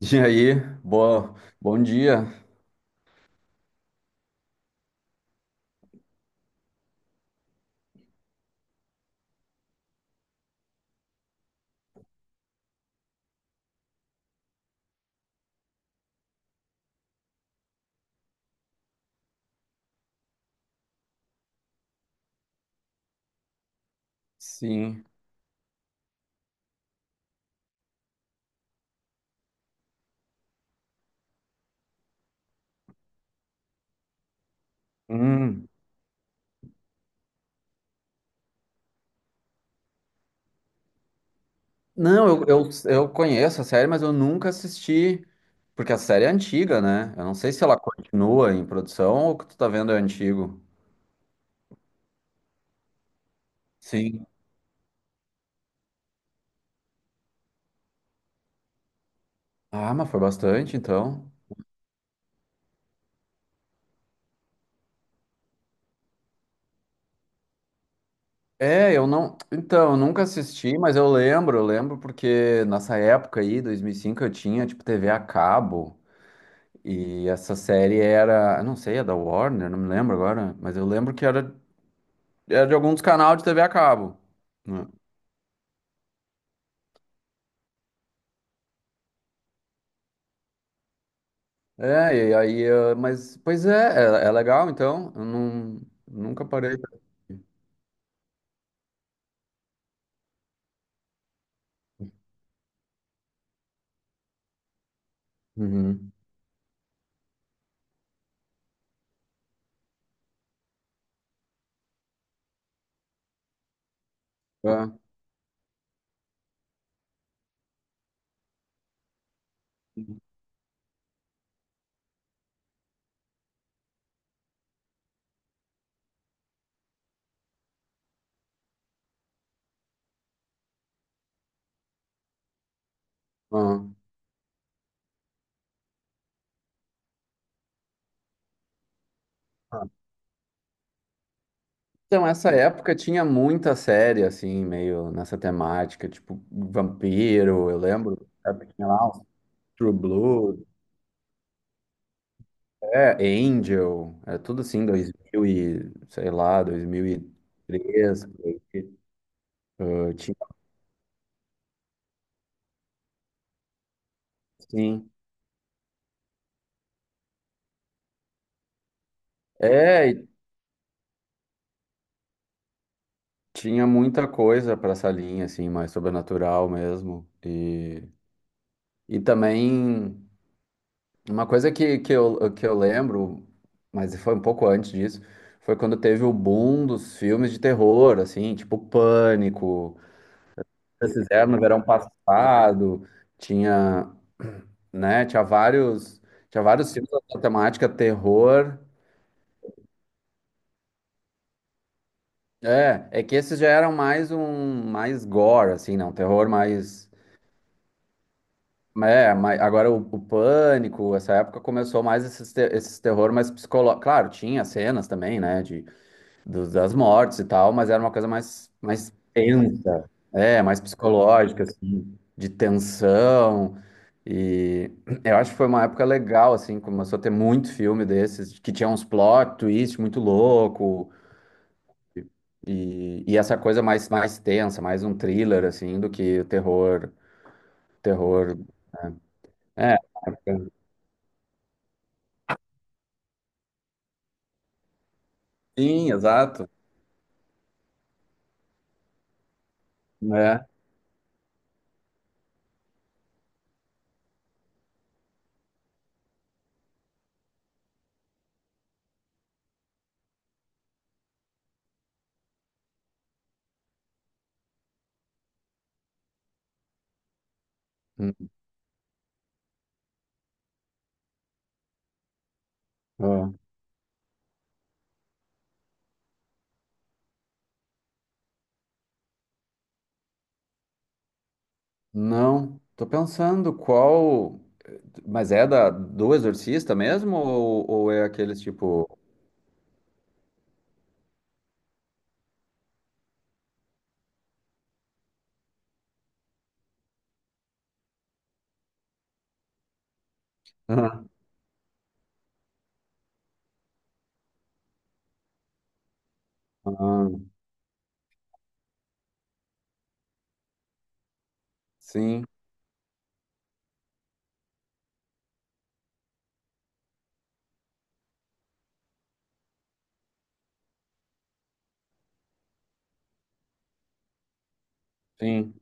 E aí, boa, bom dia. Sim. Hum. Não, eu conheço a série, mas eu nunca assisti, porque a série é antiga, né? Eu não sei se ela continua em produção ou o que tu tá vendo é antigo. Sim. Ah, mas foi bastante, então. É, eu não. Então, eu nunca assisti, mas eu lembro porque nessa época aí, 2005 eu tinha, tipo, TV a cabo. E essa série era, eu não sei, é da Warner, não me lembro agora. Mas eu lembro que era de algum dos canais de TV a cabo. Né? É, e aí, mas, pois é, é legal, então, eu não, nunca parei. Uhum. É, uhum. Ah. Então, essa época tinha muita série, assim, meio nessa temática, tipo Vampiro, eu lembro, sabe, tinha lá uns True Blood, é, Angel, é tudo assim, 2000 e, sei lá, 2003, por aí, tinha assim. É, e tinha muita coisa para essa linha, assim, mais sobrenatural mesmo. E também, uma coisa que eu lembro, mas foi um pouco antes disso, foi quando teve o boom dos filmes de terror, assim, tipo Pânico. Esses eram no verão passado, tinha, né, tinha vários filmes da temática terror. É que esses já eram mais um, mais gore, assim, não, terror mais. É, mas agora o Pânico, essa época começou mais esses, esses terror mais psicológico. Claro, tinha cenas também, né, das mortes e tal, mas era uma coisa mais tensa, é, mais psicológica, assim, de tensão. E eu acho que foi uma época legal, assim, começou a ter muito filme desses, que tinha uns plot twist muito louco, e essa coisa mais tensa, mais um thriller, assim, do que o terror, terror. Né. É, sim, exato. É. Hum, ó. Não, tô pensando qual. Mas é da do Exorcista mesmo? Ou é aqueles tipo. Ah, ah, sim, sim.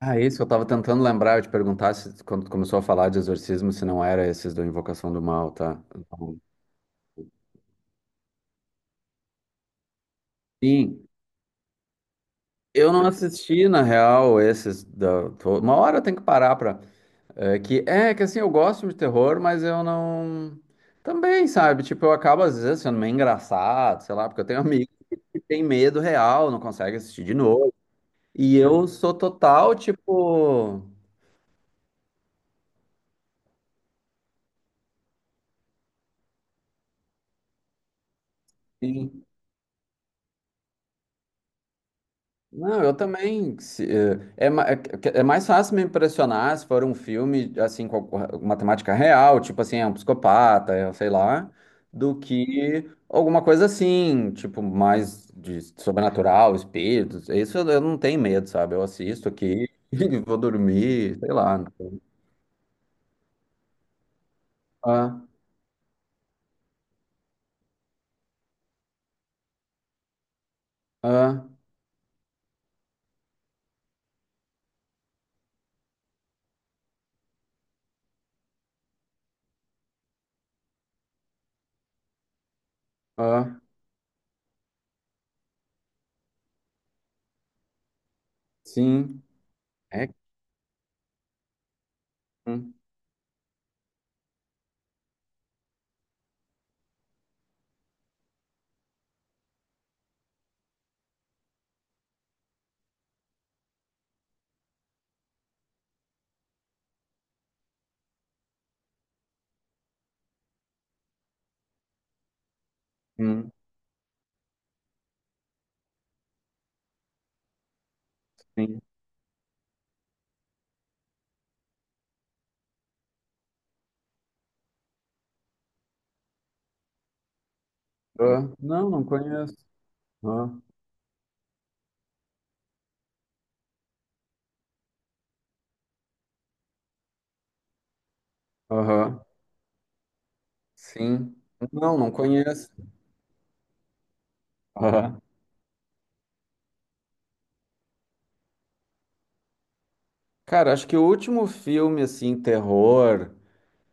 Ah, isso eu tava tentando lembrar, eu te perguntar se quando tu começou a falar de exorcismo, se não era esses do Invocação do Mal, tá? Então, sim, eu não assisti, na real, esses da. Uma hora eu tenho que parar pra. É que assim, eu gosto de terror, mas eu não. Também, sabe? Tipo, eu acabo às vezes sendo meio engraçado, sei lá, porque eu tenho amigos que têm medo real, não conseguem assistir de novo. E eu sou total, tipo. Não, eu também. É mais fácil me impressionar se for um filme, assim, com uma temática real, tipo assim, é um psicopata, é, sei lá, do que alguma coisa assim, tipo, mais de sobrenatural, espíritos. Isso eu não tenho medo, sabe? Eu assisto aqui e vou dormir, sei lá. Ah, ah, ah, sim. É. Hum, hum, sim. Ah, não, não conheço. Ah, aham, sim. Não, não conheço. Aham. Cara, acho que o último filme, assim, terror,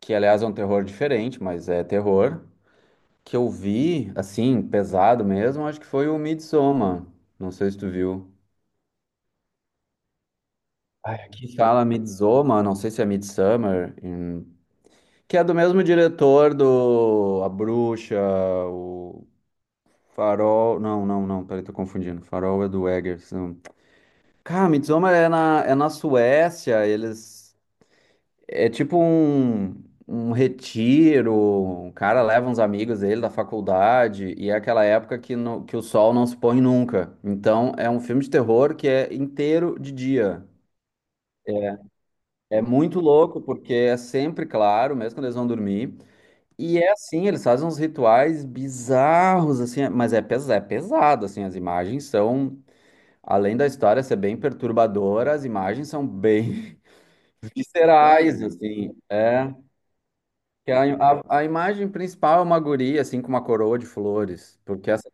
que aliás é um terror diferente, mas é terror, que eu vi, assim, pesado mesmo, acho que foi o Midsommar. Não sei se tu viu. Ai, aqui fala Midsommar, não sei se é Midsummer, que é do mesmo diretor do A Bruxa, o Farol. Não, não, não, peraí, tô confundindo. Farol é do Eggers. Não. Cara, Midsommar é na Suécia, eles. É tipo um, retiro, o cara leva uns amigos dele da faculdade, e é aquela época que, que o sol não se põe nunca. Então é um filme de terror que é inteiro de dia. É muito louco, porque é sempre claro, mesmo quando eles vão dormir. E é assim, eles fazem uns rituais bizarros, assim, mas é, pes é pesado, assim, as imagens são, além da história ser bem perturbadora, as imagens são bem viscerais, assim, é. Que a imagem principal é uma guria, assim, com uma coroa de flores, porque essa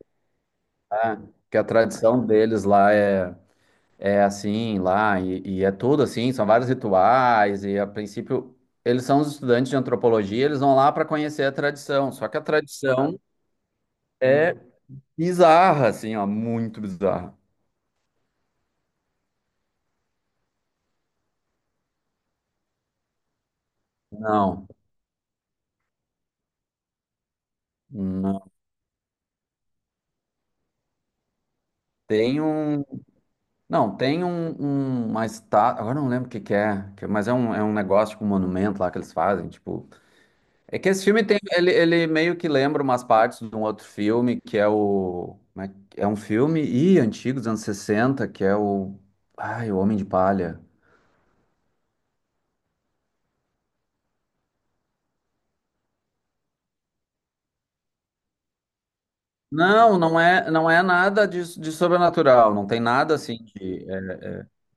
lá- que a tradição deles lá é, assim, lá, e é tudo assim, são vários rituais, e a princípio, eles são os estudantes de antropologia, eles vão lá para conhecer a tradição, só que a tradição é bizarra, assim, ó, muito bizarra. Não, não, tem um, não, tem uma estátua, agora eu não lembro o que que é, mas é um negócio, tipo, um monumento lá que eles fazem, tipo. É que esse filme tem, ele meio que lembra umas partes de um outro filme, que é o. É um filme antigo, dos anos 60, que é o. Ai, o Homem de Palha. Não é nada de sobrenatural, não tem nada assim de.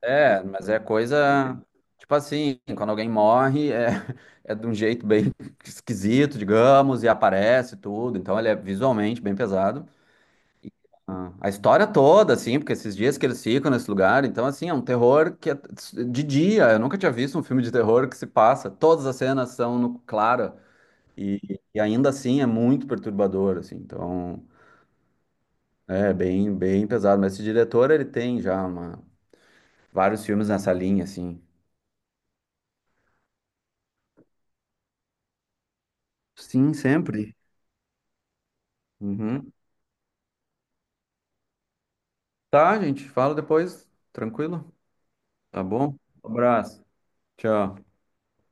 Mas é coisa. Tipo assim, quando alguém morre, é, é de um jeito bem esquisito, digamos, e aparece tudo, então ele é visualmente bem pesado. Ah, a história toda, assim, porque esses dias que eles ficam nesse lugar, então, assim, é um terror que é de dia. Eu nunca tinha visto um filme de terror que se passa. Todas as cenas são no clara e, e ainda assim é muito perturbador, assim. Então, é bem, bem pesado. Mas esse diretor, ele tem já vários filmes nessa linha, assim. Sim, sempre. Uhum. Tá, gente, fala depois. Tranquilo? Tá bom? Abraço. Tchau.